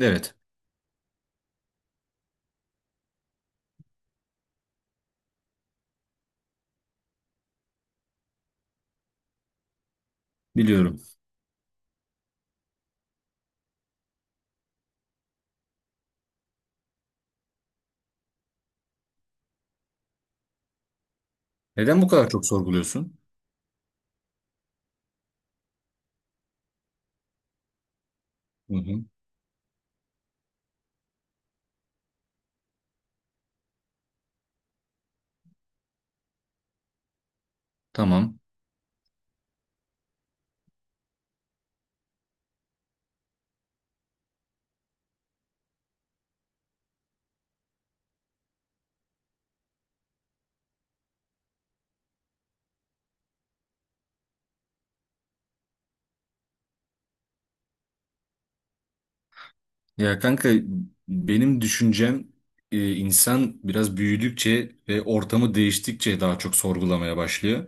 Evet, biliyorum. Neden bu kadar çok sorguluyorsun? Hı hı. Tamam. Ya kanka benim düşüncem insan biraz büyüdükçe ve ortamı değiştikçe daha çok sorgulamaya başlıyor.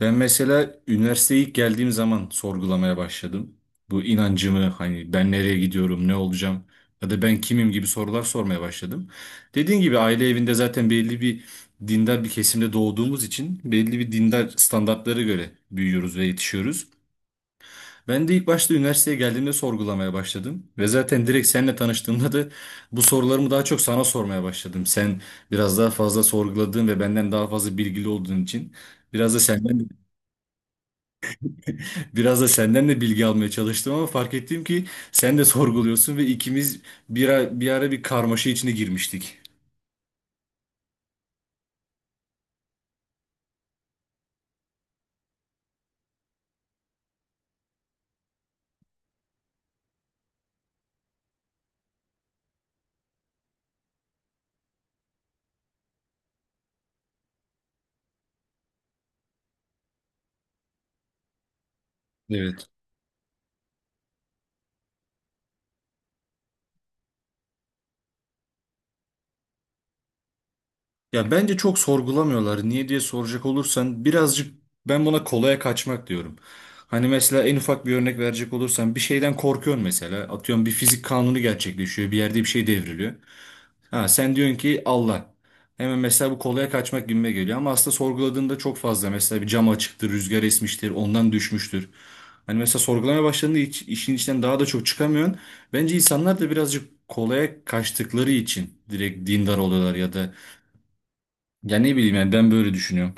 Ben mesela üniversiteye ilk geldiğim zaman sorgulamaya başladım. Bu inancımı hani ben nereye gidiyorum, ne olacağım ya da ben kimim gibi sorular sormaya başladım. Dediğin gibi aile evinde zaten belli bir dindar bir kesimde doğduğumuz için belli bir dindar standartlara göre büyüyoruz ve yetişiyoruz. Ben de ilk başta üniversiteye geldiğimde sorgulamaya başladım. Ve zaten direkt seninle tanıştığımda da bu sorularımı daha çok sana sormaya başladım. Sen biraz daha fazla sorguladığın ve benden daha fazla bilgili olduğun için biraz da senden biraz da senden de bilgi almaya çalıştım, ama fark ettim ki sen de sorguluyorsun ve ikimiz bir ara bir karmaşa içine girmiştik. Evet. Ya bence çok sorgulamıyorlar. Niye diye soracak olursan birazcık ben buna kolaya kaçmak diyorum. Hani mesela en ufak bir örnek verecek olursan bir şeyden korkuyorsun mesela. Atıyorum bir fizik kanunu gerçekleşiyor. Bir yerde bir şey devriliyor. Ha sen diyorsun ki Allah. Hemen mesela bu kolaya kaçmak gibime geliyor. Ama aslında sorguladığında çok fazla. Mesela bir cam açıktır, rüzgar esmiştir, ondan düşmüştür. Hani mesela sorgulamaya başladığında hiç, işin içinden daha da çok çıkamıyorsun. Bence insanlar da birazcık kolaya kaçtıkları için direkt dindar oluyorlar ya da ya ne bileyim, yani ben böyle düşünüyorum.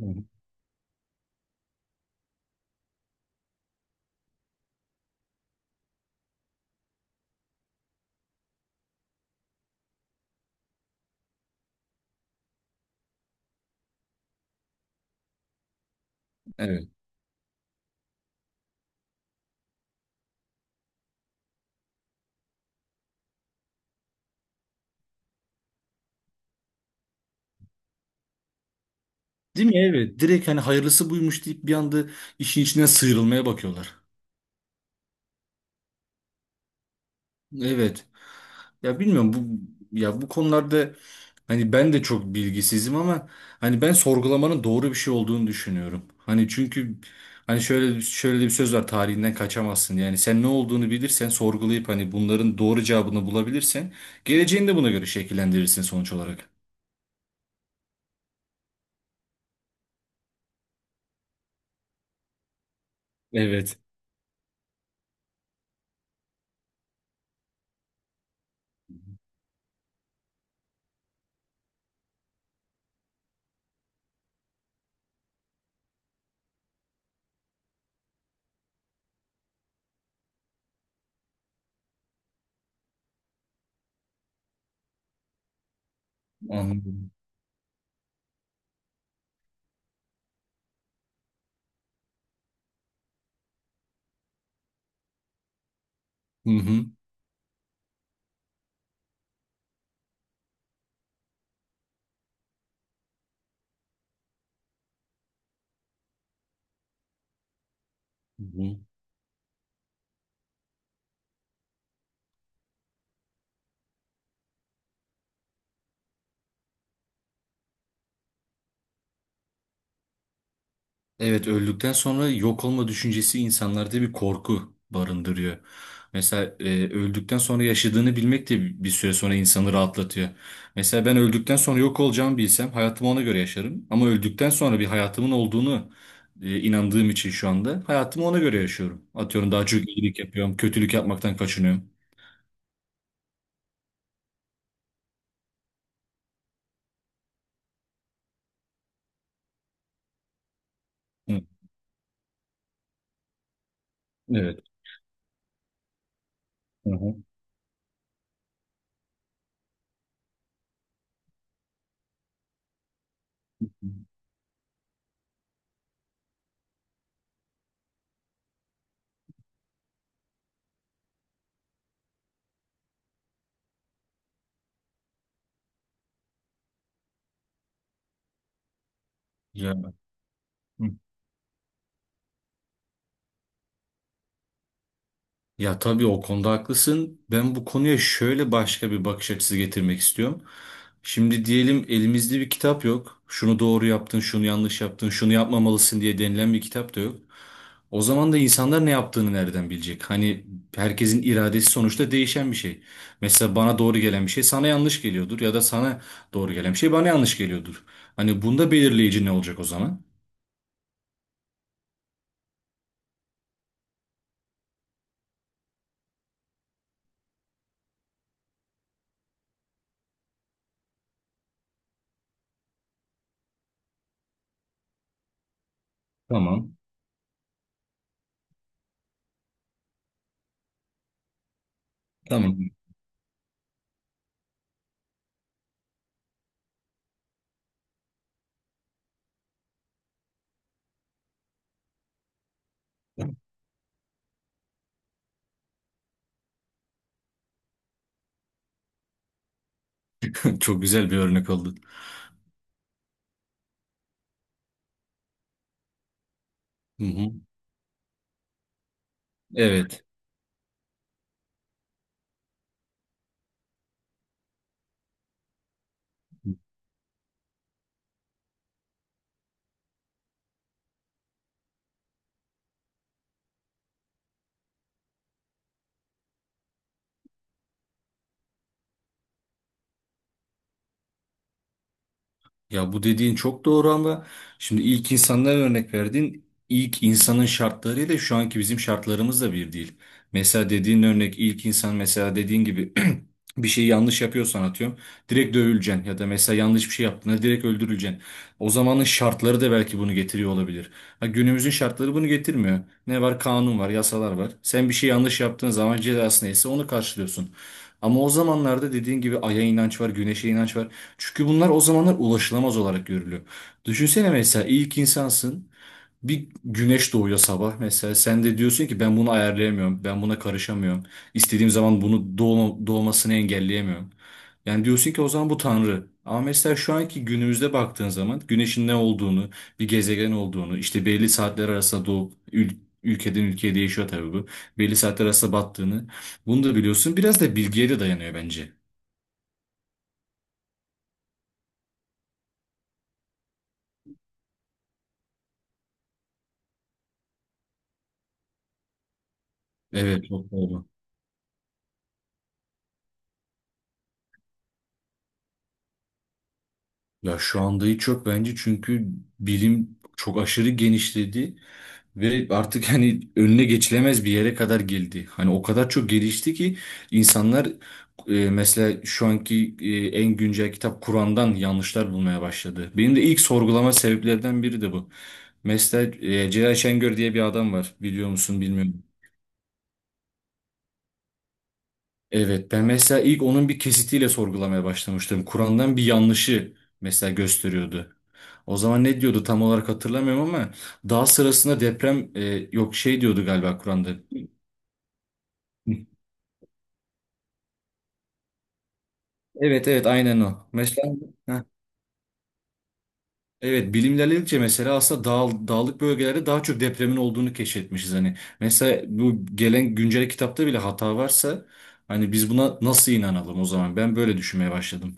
Hı hı. Evet. Değil mi? Evet. Direkt hani hayırlısı buymuş deyip bir anda işin içinden sıyrılmaya bakıyorlar. Evet. Ya bilmiyorum bu ya bu konularda hani ben de çok bilgisizim ama hani ben sorgulamanın doğru bir şey olduğunu düşünüyorum. Hani çünkü hani şöyle de bir söz var tarihinden kaçamazsın. Yani sen ne olduğunu bilirsen sorgulayıp hani bunların doğru cevabını bulabilirsen geleceğini de buna göre şekillendirirsin sonuç olarak. Evet. Anladım. Hı hı. Hı. Evet, öldükten sonra yok olma düşüncesi insanlarda bir korku barındırıyor. Mesela öldükten sonra yaşadığını bilmek de bir süre sonra insanı rahatlatıyor. Mesela ben öldükten sonra yok olacağımı bilsem hayatımı ona göre yaşarım. Ama öldükten sonra bir hayatımın olduğunu inandığım için şu anda hayatımı ona göre yaşıyorum. Atıyorum daha çok iyilik yapıyorum, kötülük yapmaktan kaçınıyorum. Hı. Evet. Hı hı. Ya. Ya tabii o konuda haklısın. Ben bu konuya şöyle başka bir bakış açısı getirmek istiyorum. Şimdi diyelim elimizde bir kitap yok. Şunu doğru yaptın, şunu yanlış yaptın, şunu yapmamalısın diye denilen bir kitap da yok. O zaman da insanlar ne yaptığını nereden bilecek? Hani herkesin iradesi sonuçta değişen bir şey. Mesela bana doğru gelen bir şey sana yanlış geliyordur ya da sana doğru gelen bir şey bana yanlış geliyordur. Hani bunda belirleyici ne olacak o zaman? Tamam. Tamam. Çok güzel bir örnek oldu. Hı hı. Evet. Ya bu dediğin çok doğru ama şimdi ilk insanlara örnek verdiğin ilk insanın şartlarıyla şu anki bizim şartlarımız da bir değil. Mesela dediğin örnek ilk insan mesela dediğin gibi bir şeyi yanlış yapıyorsan atıyorum direkt dövüleceksin ya da mesela yanlış bir şey yaptığında direkt öldürüleceksin. O zamanın şartları da belki bunu getiriyor olabilir. Ha, günümüzün şartları bunu getirmiyor. Ne var? Kanun var, yasalar var. Sen bir şey yanlış yaptığın zaman cezası neyse onu karşılıyorsun. Ama o zamanlarda dediğin gibi aya inanç var, güneşe inanç var. Çünkü bunlar o zamanlar ulaşılamaz olarak görülüyor. Düşünsene mesela ilk insansın. Bir güneş doğuyor sabah mesela. Sen de diyorsun ki ben bunu ayarlayamıyorum. Ben buna karışamıyorum. İstediğim zaman bunu doğmasını engelleyemiyorum. Yani diyorsun ki o zaman bu tanrı. Ama mesela şu anki günümüzde baktığın zaman güneşin ne olduğunu, bir gezegen olduğunu, işte belli saatler arasında doğup ülkeden ülkeye değişiyor tabii bu. Belli saatler arasında battığını. Bunu da biliyorsun. Biraz da bilgiye de dayanıyor bence. Evet, çok doğru. Ya şu anda hiç yok bence, çünkü bilim çok aşırı genişledi ve artık hani önüne geçilemez bir yere kadar geldi. Hani o kadar çok gelişti ki insanlar mesela şu anki en güncel kitap Kur'an'dan yanlışlar bulmaya başladı. Benim de ilk sorgulama sebeplerden biri de bu. Mesela Celal Şengör diye bir adam var, biliyor musun bilmiyorum. Evet, ben mesela ilk onun bir kesitiyle sorgulamaya başlamıştım. Kur'an'dan bir yanlışı mesela gösteriyordu. O zaman ne diyordu tam olarak hatırlamıyorum ama daha sırasında deprem yok şey diyordu galiba Kur'an'da. Evet evet, aynen o. Mesela Heh. Evet, bilim ilerledikçe mesela aslında dağlık bölgelerde daha çok depremin olduğunu keşfetmişiz hani. Mesela bu gelen güncel kitapta bile hata varsa hani biz buna nasıl inanalım o zaman? Ben böyle düşünmeye başladım.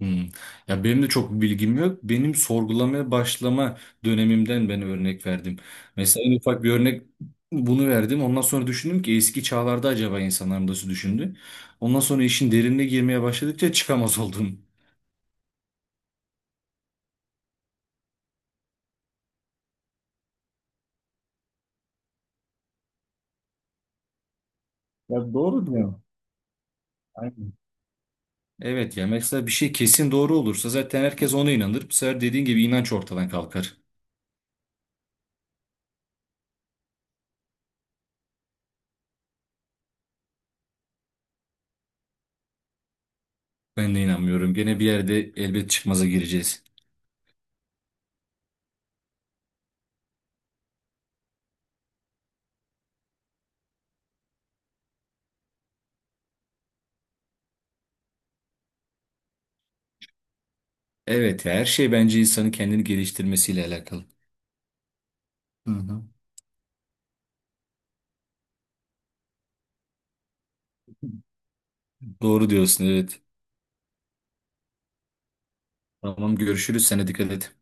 Hmm. Ya benim de çok bir bilgim yok. Benim sorgulamaya başlama dönemimden ben örnek verdim. Mesela en ufak bir örnek bunu verdim. Ondan sonra düşündüm ki eski çağlarda acaba insanlar nasıl düşündü? Ondan sonra işin derinine girmeye başladıkça çıkamaz oldum. Ya doğru diyor. Aynen. Evet, ya mesela bir şey kesin doğru olursa zaten herkes ona inanır. Bu sefer dediğin gibi inanç ortadan kalkar. Ben de inanmıyorum. Gene bir yerde elbet çıkmaza gireceğiz. Evet, ya her şey bence insanın kendini geliştirmesiyle alakalı. Hı hı. Doğru diyorsun, evet. Tamam, görüşürüz. Sana dikkat et.